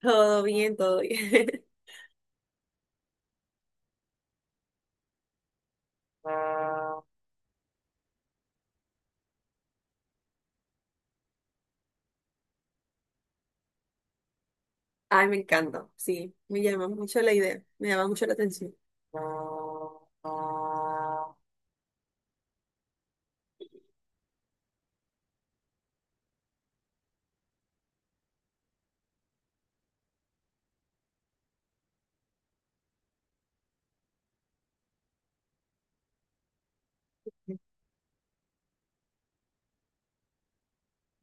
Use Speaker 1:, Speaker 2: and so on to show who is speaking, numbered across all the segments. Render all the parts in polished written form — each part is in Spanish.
Speaker 1: Todo bien, todo bien. Ay, me encanta. Sí, me llama mucho la idea. Me llama mucho la atención.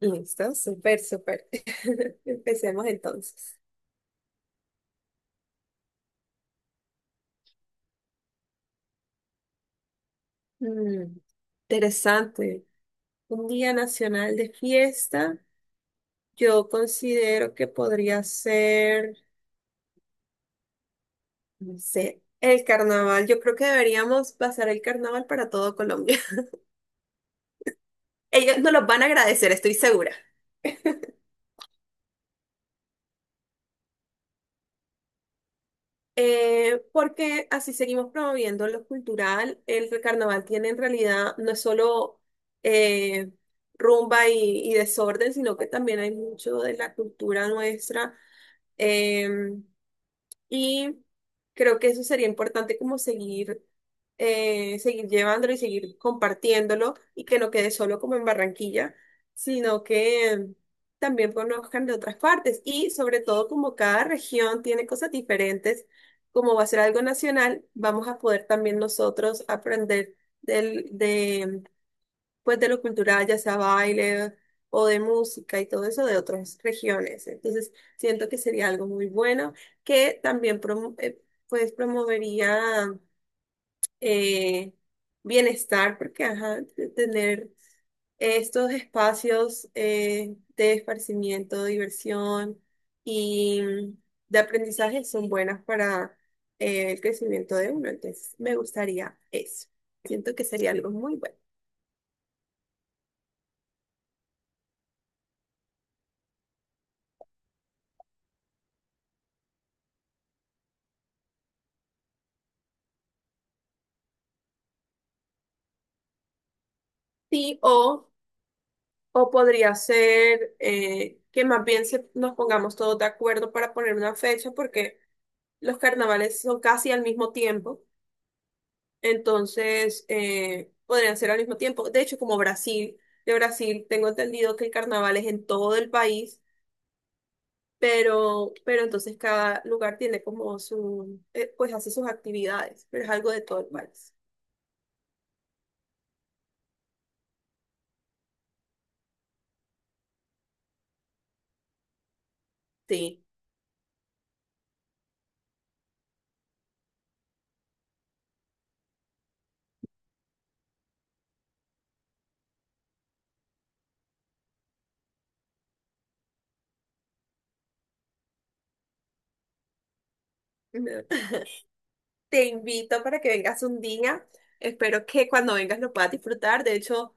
Speaker 1: Listo, súper, súper. Empecemos entonces. Mm, interesante. Un día nacional de fiesta. Yo considero que podría ser, no sé, el carnaval. Yo creo que deberíamos pasar el carnaval para todo Colombia. Ellos nos los van a agradecer, estoy segura. Porque así seguimos promoviendo lo cultural. El carnaval tiene en realidad no es solo eh, rumba y desorden, sino que también hay mucho de la cultura nuestra. Em, y creo que eso sería importante como seguir, seguir llevándolo y seguir compartiéndolo y que no quede solo como en Barranquilla, sino que también conozcan de otras partes, y sobre todo como cada región tiene cosas diferentes, como va a ser algo nacional, vamos a poder también nosotros aprender del- de, pues de lo cultural, ya sea baile o de música y todo eso de otras regiones. Entonces, siento que sería algo muy bueno que también pues promovería eh, bienestar, porque ajá, de tener estos espacios de esparcimiento, de diversión y de aprendizaje son buenas para el crecimiento de uno. Entonces, me gustaría eso. Siento que sería algo muy bueno. Sí, o podría ser que más bien nos pongamos todos de acuerdo para poner una fecha, porque los carnavales son casi al mismo tiempo, entonces podrían ser al mismo tiempo. De hecho, como Brasil, de Brasil tengo entendido que el carnaval es en todo el país, pero entonces cada lugar tiene como su, pues hace sus actividades, pero es algo de todo el país. Sí. No. Te invito para que vengas un día. Espero que cuando vengas lo puedas disfrutar. De hecho,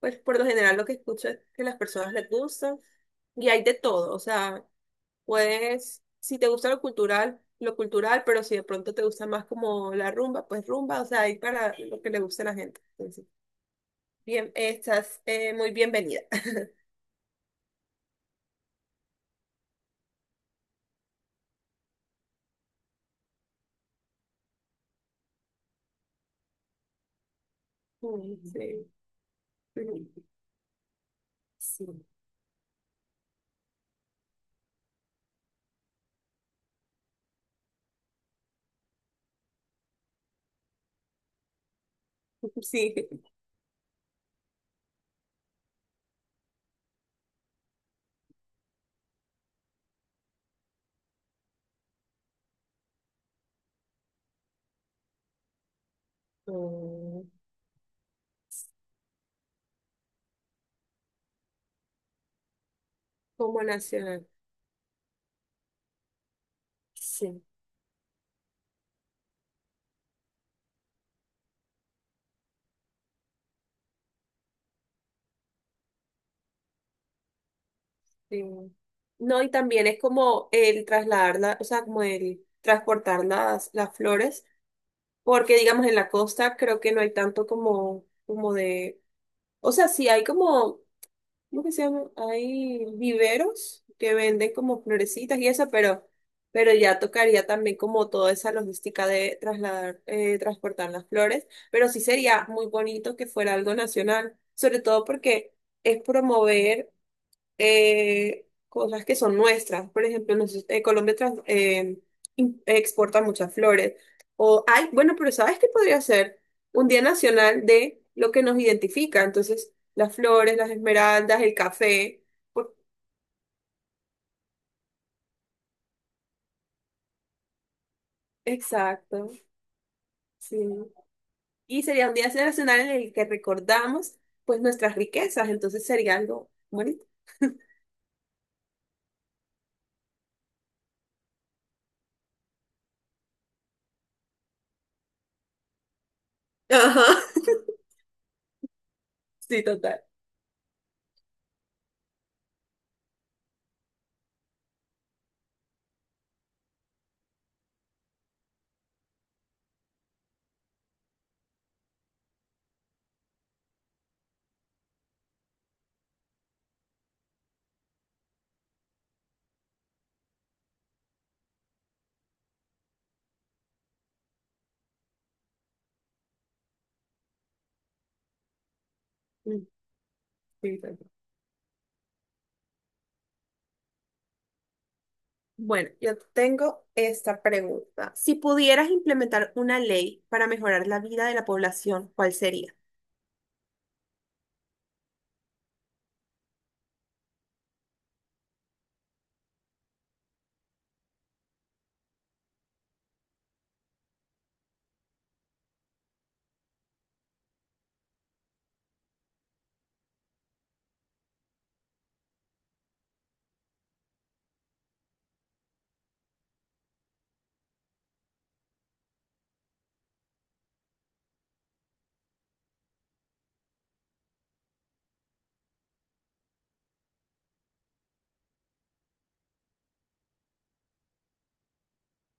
Speaker 1: pues por lo general lo que escucho es que las personas les gustan y hay de todo. O sea, puedes, si te gusta lo cultural, pero si de pronto te gusta más como la rumba, pues rumba, o sea, hay para lo que le guste a la gente. Entonces, bien, estás muy bienvenida. Mm, sí. Sí. Sí. Mm, como nacional. Sí. Sí. No, y también es como el trasladarla, o sea, como el transportar las flores, porque digamos en la costa creo que no hay tanto como, o sea, sí hay como ¿cómo que se llama? Hay viveros que venden como florecitas y eso, pero ya tocaría también como toda esa logística de trasladar, transportar las flores, pero sí sería muy bonito que fuera algo nacional, sobre todo porque es promover cosas que son nuestras. Por ejemplo, Colombia exporta muchas flores. O hay, bueno, pero ¿sabes qué podría ser? Un día nacional de lo que nos identifica. Entonces, las flores, las esmeraldas, el café. Por- Exacto, sí. Y sería un día nacional en el que recordamos, pues, nuestras riquezas. Entonces sería algo bonito. Ajá. Sí, total. Mm, sí, total. Bueno, yo tengo esta pregunta. Si pudieras implementar una ley para mejorar la vida de la población, ¿cuál sería?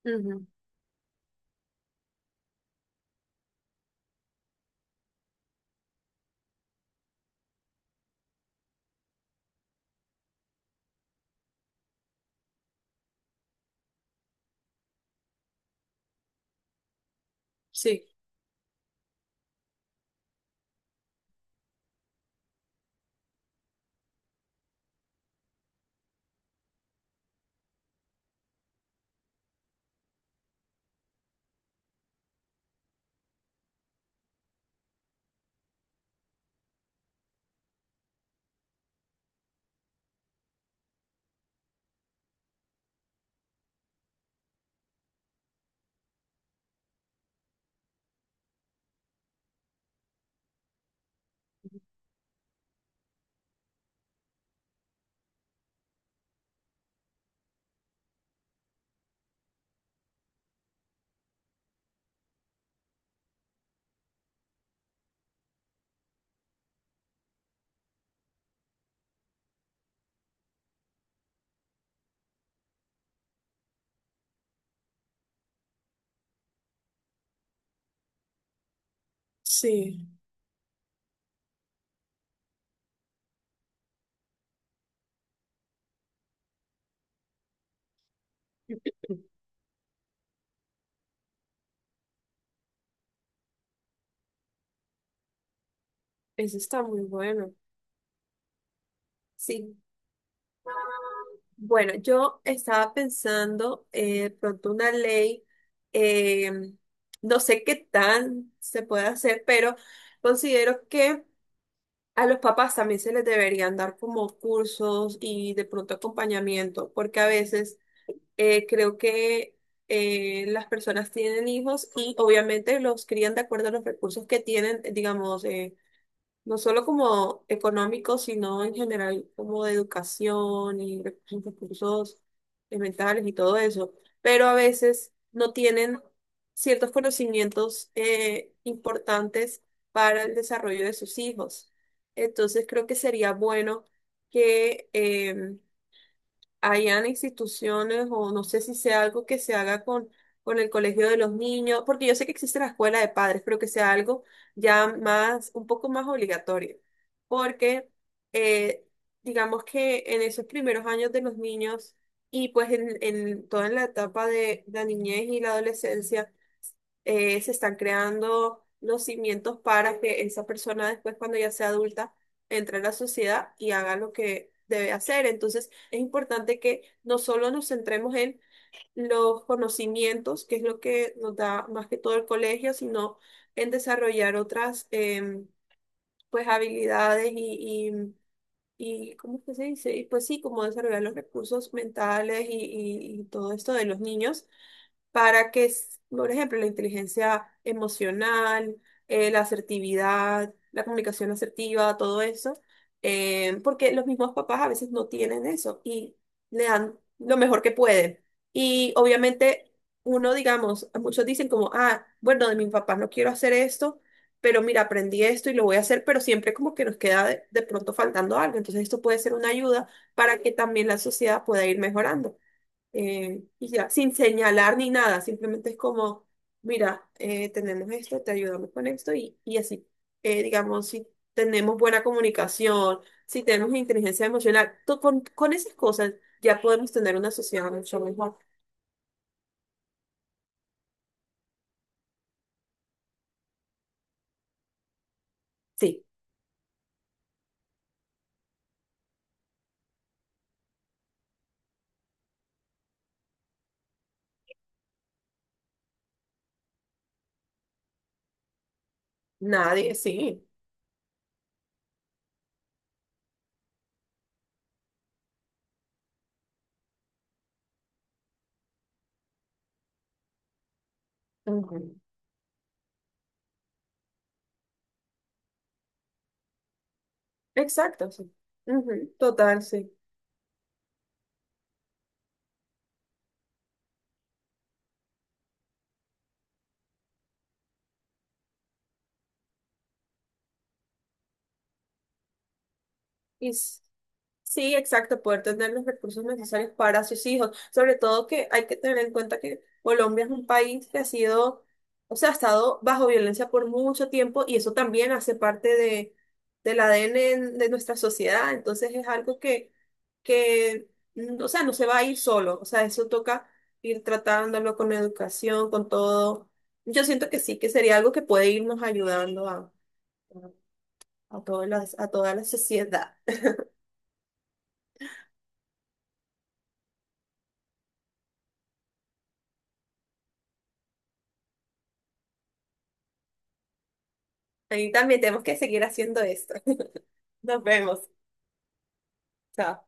Speaker 1: Ujú, sí, sí, eso está muy bueno. Sí. Bueno, yo estaba pensando de pronto una ley, eh, no sé qué tan se puede hacer, pero considero que a los papás también se les deberían dar como cursos y de pronto acompañamiento, porque a veces creo que las personas tienen hijos y obviamente los crían de acuerdo a los recursos que tienen, digamos, no solo como económico, sino en general como de educación y recursos mentales y todo eso, pero a veces no tienen ciertos conocimientos importantes para el desarrollo de sus hijos. Entonces creo que sería bueno que hayan instituciones, o no sé si sea algo que se haga con el colegio de los niños, porque yo sé que existe la escuela de padres, pero que sea algo ya más, un poco más obligatorio, porque eh, digamos que en esos primeros años de los niños y pues en toda la etapa de la niñez y la adolescencia, se están creando los cimientos para que esa persona después, cuando ya sea adulta, entre a la sociedad y haga lo que debe hacer. Entonces, es importante que no solo nos centremos en los conocimientos, que es lo que nos da más que todo el colegio, sino en desarrollar otras em, pues habilidades y ¿cómo es que se dice? Y pues sí, como desarrollar los recursos mentales y todo esto de los niños para que, por ejemplo, la inteligencia emocional, la asertividad, la comunicación asertiva, todo eso, porque los mismos papás a veces no tienen eso y le dan lo mejor que pueden. Y obviamente uno, digamos, muchos dicen como, ah, bueno, de mis papás no quiero hacer esto. Pero mira, aprendí esto y lo voy a hacer, pero siempre como que nos queda de pronto faltando algo. Entonces esto puede ser una ayuda para que también la sociedad pueda ir mejorando y ya, sin señalar ni nada, simplemente es como, mira, tenemos esto, te ayudamos con esto y así. Digamos, si tenemos buena comunicación, si tenemos inteligencia emocional, con esas cosas ya podemos tener una sociedad mucho mejor. Sí, nadie, sí. Ujú. Exacto, sí. Ujú, total, sí. Y s- Sí, exacto, poder tener los recursos necesarios para sus hijos. Sobre todo que hay que tener en cuenta que Colombia es un país que ha sido, o sea, ha estado bajo violencia por mucho tiempo y eso también hace parte de, del ADN de nuestra sociedad. Entonces es algo que, o sea, no se va a ir solo. O sea, eso toca ir tratándolo con educación, con todo. Yo siento que sí, que sería algo que puede irnos ayudando a, a, a todas a toda la sociedad. Y también tenemos que seguir haciendo esto. Nos vemos. Chao.